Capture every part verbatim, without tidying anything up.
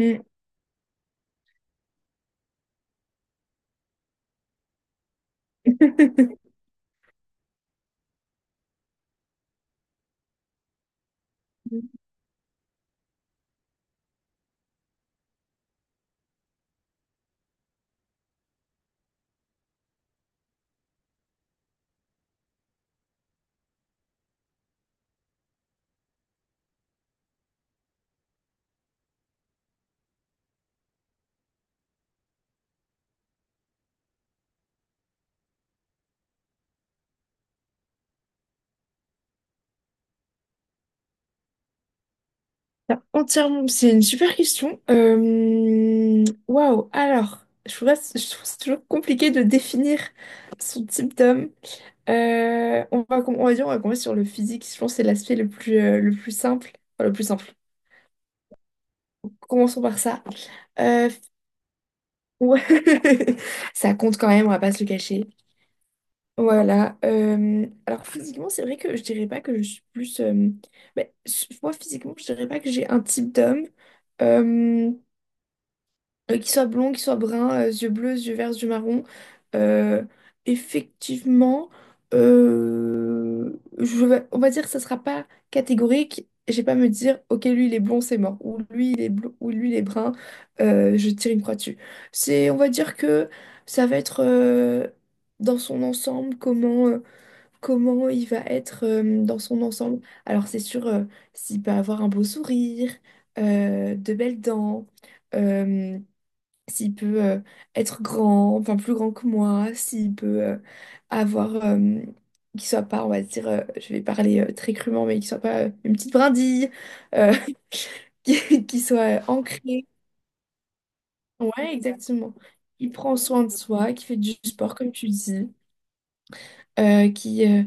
Mm. T'as entièrement... C'est une super question. Euh, Waouh. Alors, je trouve, ça- je trouve c'est toujours compliqué de définir son type d'homme. Euh, on va, com- on va dire, on va commencer sur le physique. Je pense que c'est l'aspect le plus, euh, le plus simple. Enfin, le plus simple. Commençons par ça. Euh, ouais. Ça compte quand même, on va pas se le cacher. Voilà. Euh, alors physiquement, c'est vrai que je dirais pas que je suis plus. Euh, ben, s- moi, physiquement, je dirais pas que j'ai un type d'homme euh, euh, qui soit blond, qui soit brun, euh, yeux bleus, yeux verts, yeux marrons. Euh, effectivement, euh, je vais- on va dire que ça sera pas catégorique. J'ai pas à me dire, ok, lui il est blond, c'est mort, ou lui il est blond, ou lui il est brun, euh, je tire une croix dessus. C'est, on va dire que ça va être euh, dans son ensemble comment. Euh, comment il va être euh, dans son ensemble. Alors c'est sûr, euh, s'il peut avoir un beau sourire, euh, de belles dents, euh, s'il peut euh, être grand, enfin plus grand que moi, s'il peut euh, avoir, euh, qu'il soit pas, on va dire, euh, je vais parler euh, très crûment, mais qu'il soit pas euh, une petite brindille, euh, qu'il qu'il soit euh, ancré. Ouais, exactement. Il prend soin de soi, qui fait du sport, comme tu dis, euh, qui, euh,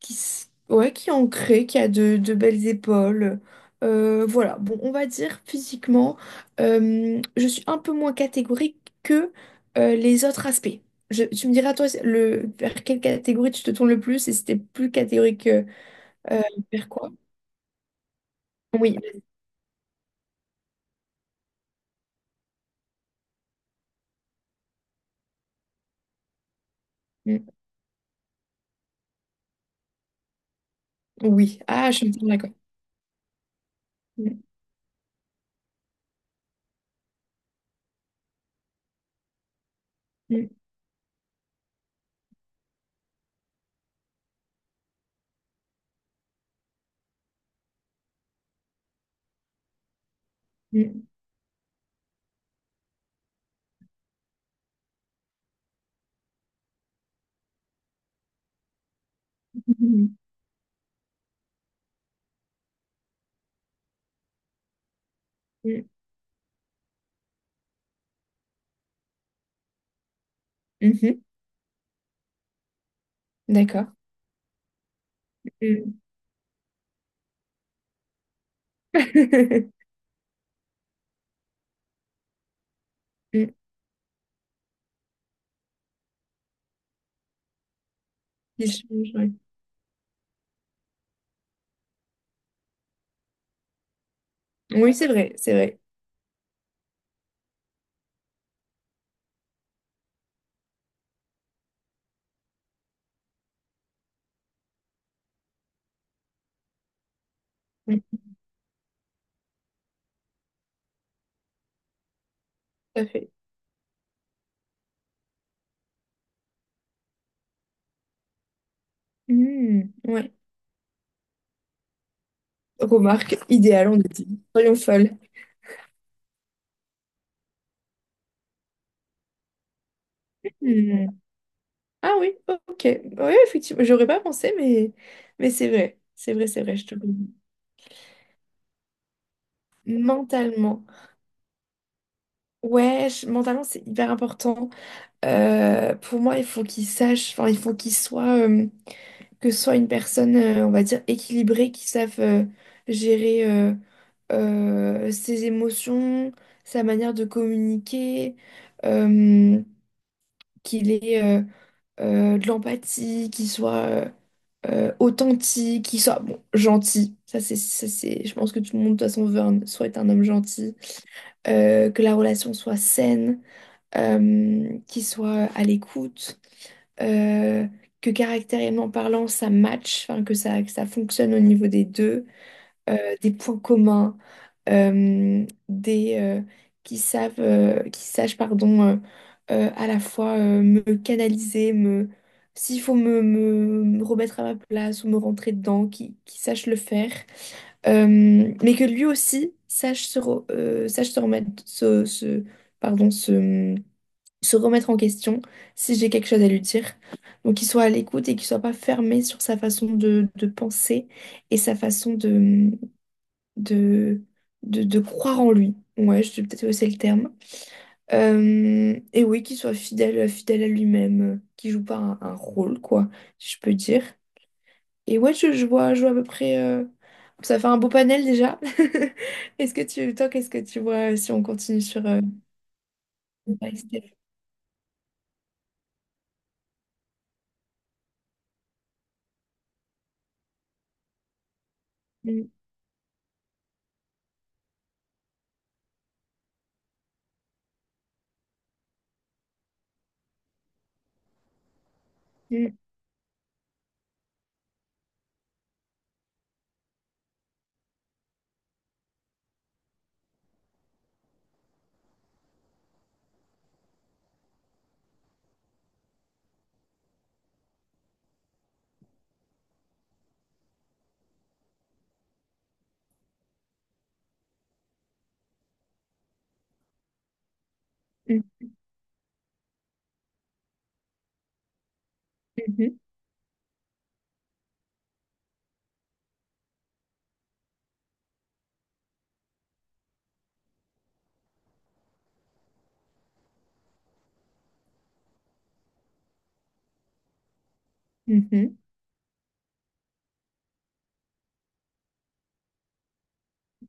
qui, s- ouais, qui est ancré, qui a de, de belles épaules. Euh, voilà, bon, on va dire physiquement, euh, je suis un peu moins catégorique que euh, les autres aspects. Je- tu me diras, toi, le, vers quelle catégorie tu te tournes le plus et si t'es plus catégorique euh, euh, vers quoi? Oui, mm. Oui. Ah, je me tourne d'accord. Mm. Mm. Mm. Mm. Mhm. D'accord. Mm. Mm. Qui change, ouais. Oui, c'est vrai, c'est vrai. Mm. Tout à fait. Mm. Ouais. Remarque idéale, on a dit. Soyons folles. Hmm. Ah oui, ok. Oui, effectivement, j'aurais pas pensé, mais, mais c'est vrai. C'est vrai, c'est vrai, je te le dis. Mentalement. Ouais, je- mentalement, c'est hyper important. Euh, pour moi, il faut qu'ils sachent, enfin, il faut qu'ils soient euh, que ce soit une personne, euh, on va dire, équilibrée, qui sache gérer euh, euh, ses émotions, sa manière de communiquer, euh, qu'il est euh, de l'empathie, qui soit euh, euh, authentique, qui soit bon, gentil. Ça, c'est, ça, c'est, je pense que tout le monde, de toute façon, veut un- souhaite un homme gentil. Euh, que la relation soit saine, euh, qu'il soit à l'écoute, euh, que caractériellement parlant, ça match, enfin, que ça, que ça fonctionne au niveau des deux euh, des points communs, euh, des euh, qui savent, euh, qui sachent, pardon, euh, euh, à la fois euh, me canaliser, me s'il faut me, me- me remettre à ma place ou me rentrer dedans, qui, qui sache le faire. Euh, mais que lui aussi sache se, re- euh, sache se remettre, se, se- pardon, se, se remettre en question si j'ai quelque chose à lui dire. Donc qu'il soit à l'écoute et qu'il soit pas fermé sur sa façon de, de penser et sa façon de, de, de croire en lui. Ouais, je sais peut-être que c'est le terme. Euh, et oui, qu'il soit fidèle, fidèle à lui-même, euh, qu'il joue pas un, un rôle, quoi, si je peux dire. Et ouais, je, je vois, je vois à peu près. euh, Ça fait un beau panel déjà. Est-ce que tu, toi, qu'est-ce que tu vois euh, si on continue sur. euh, By Steph. Mm, mm, mm, mhm,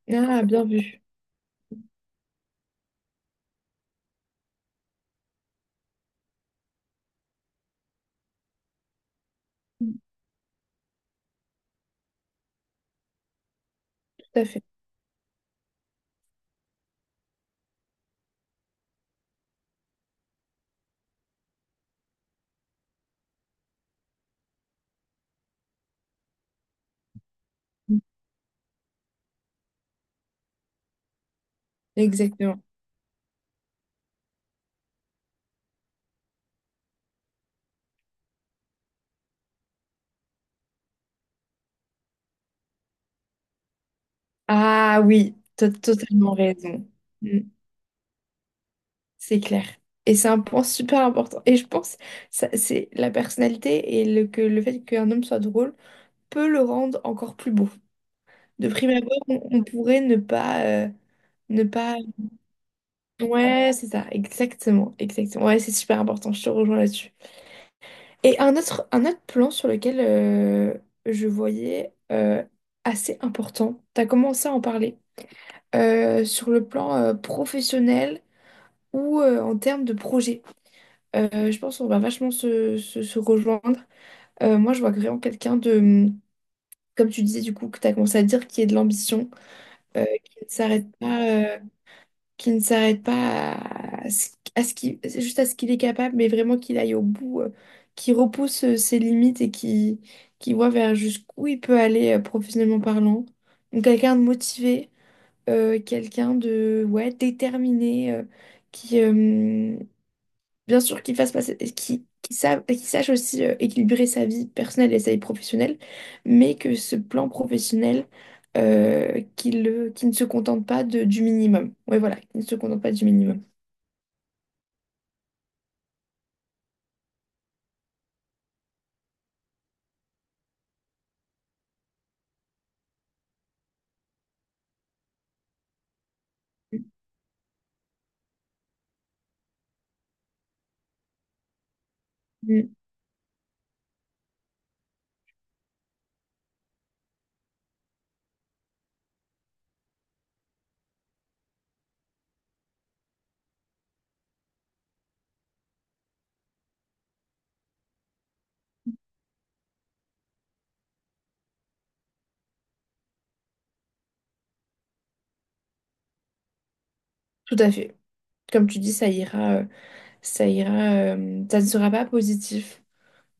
mhm. Ah, bien vu. Mm. Tout à fait. Mm. Exactement. Ah oui, t'as totalement raison. Mmh. C'est clair. Et c'est un point super important. Et je pense ça c'est la personnalité et le, que le fait qu'un homme soit drôle peut le rendre encore plus beau. De prime abord, on, on pourrait ne pas, euh, ne pas... Ouais, c'est ça, exactement, exactement. Ouais, c'est super important, je te rejoins là-dessus. Et un autre, un autre plan sur lequel euh, je voyais euh, assez important, tu as commencé à en parler, euh, sur le plan euh, professionnel ou euh, en termes de projet. Euh, je pense qu'on va vachement se, se- se rejoindre. Euh, moi, je vois vraiment quelqu'un de, comme tu disais du coup, que tu as commencé à dire, qui est de l'ambition, euh, qui ne s'arrête pas, euh, qui ne s'arrête pas à, ce à ce qu'il, c'est juste à ce qu'il est capable, mais vraiment qu'il aille au bout, euh, qui repousse euh, ses limites et qui, qui voit vers jusqu'où il peut aller euh, professionnellement parlant. Donc quelqu'un de motivé, euh, quelqu'un de ouais, déterminé, euh, qui, euh, bien sûr, qu'il fasse passer, qu'il qu'il sa- qu'il sache aussi euh, équilibrer sa vie personnelle et sa vie professionnelle, mais que ce plan professionnel, euh, qu'il le- qu'il ne se contente pas de- du minimum. Oui, voilà, qu'il ne se contente pas du minimum. Mm, mm. Tout à fait. Comme tu dis, ça ira, euh, ça ira, euh, ça ne sera pas positif.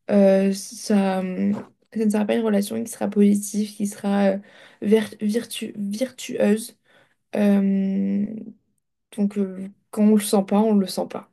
Euh, ça, euh, ça ne sera pas une relation qui sera positive, qui sera euh, ver- virtu- virtueuse. Euh, mm, donc, euh, quand on le sent pas, on le sent pas.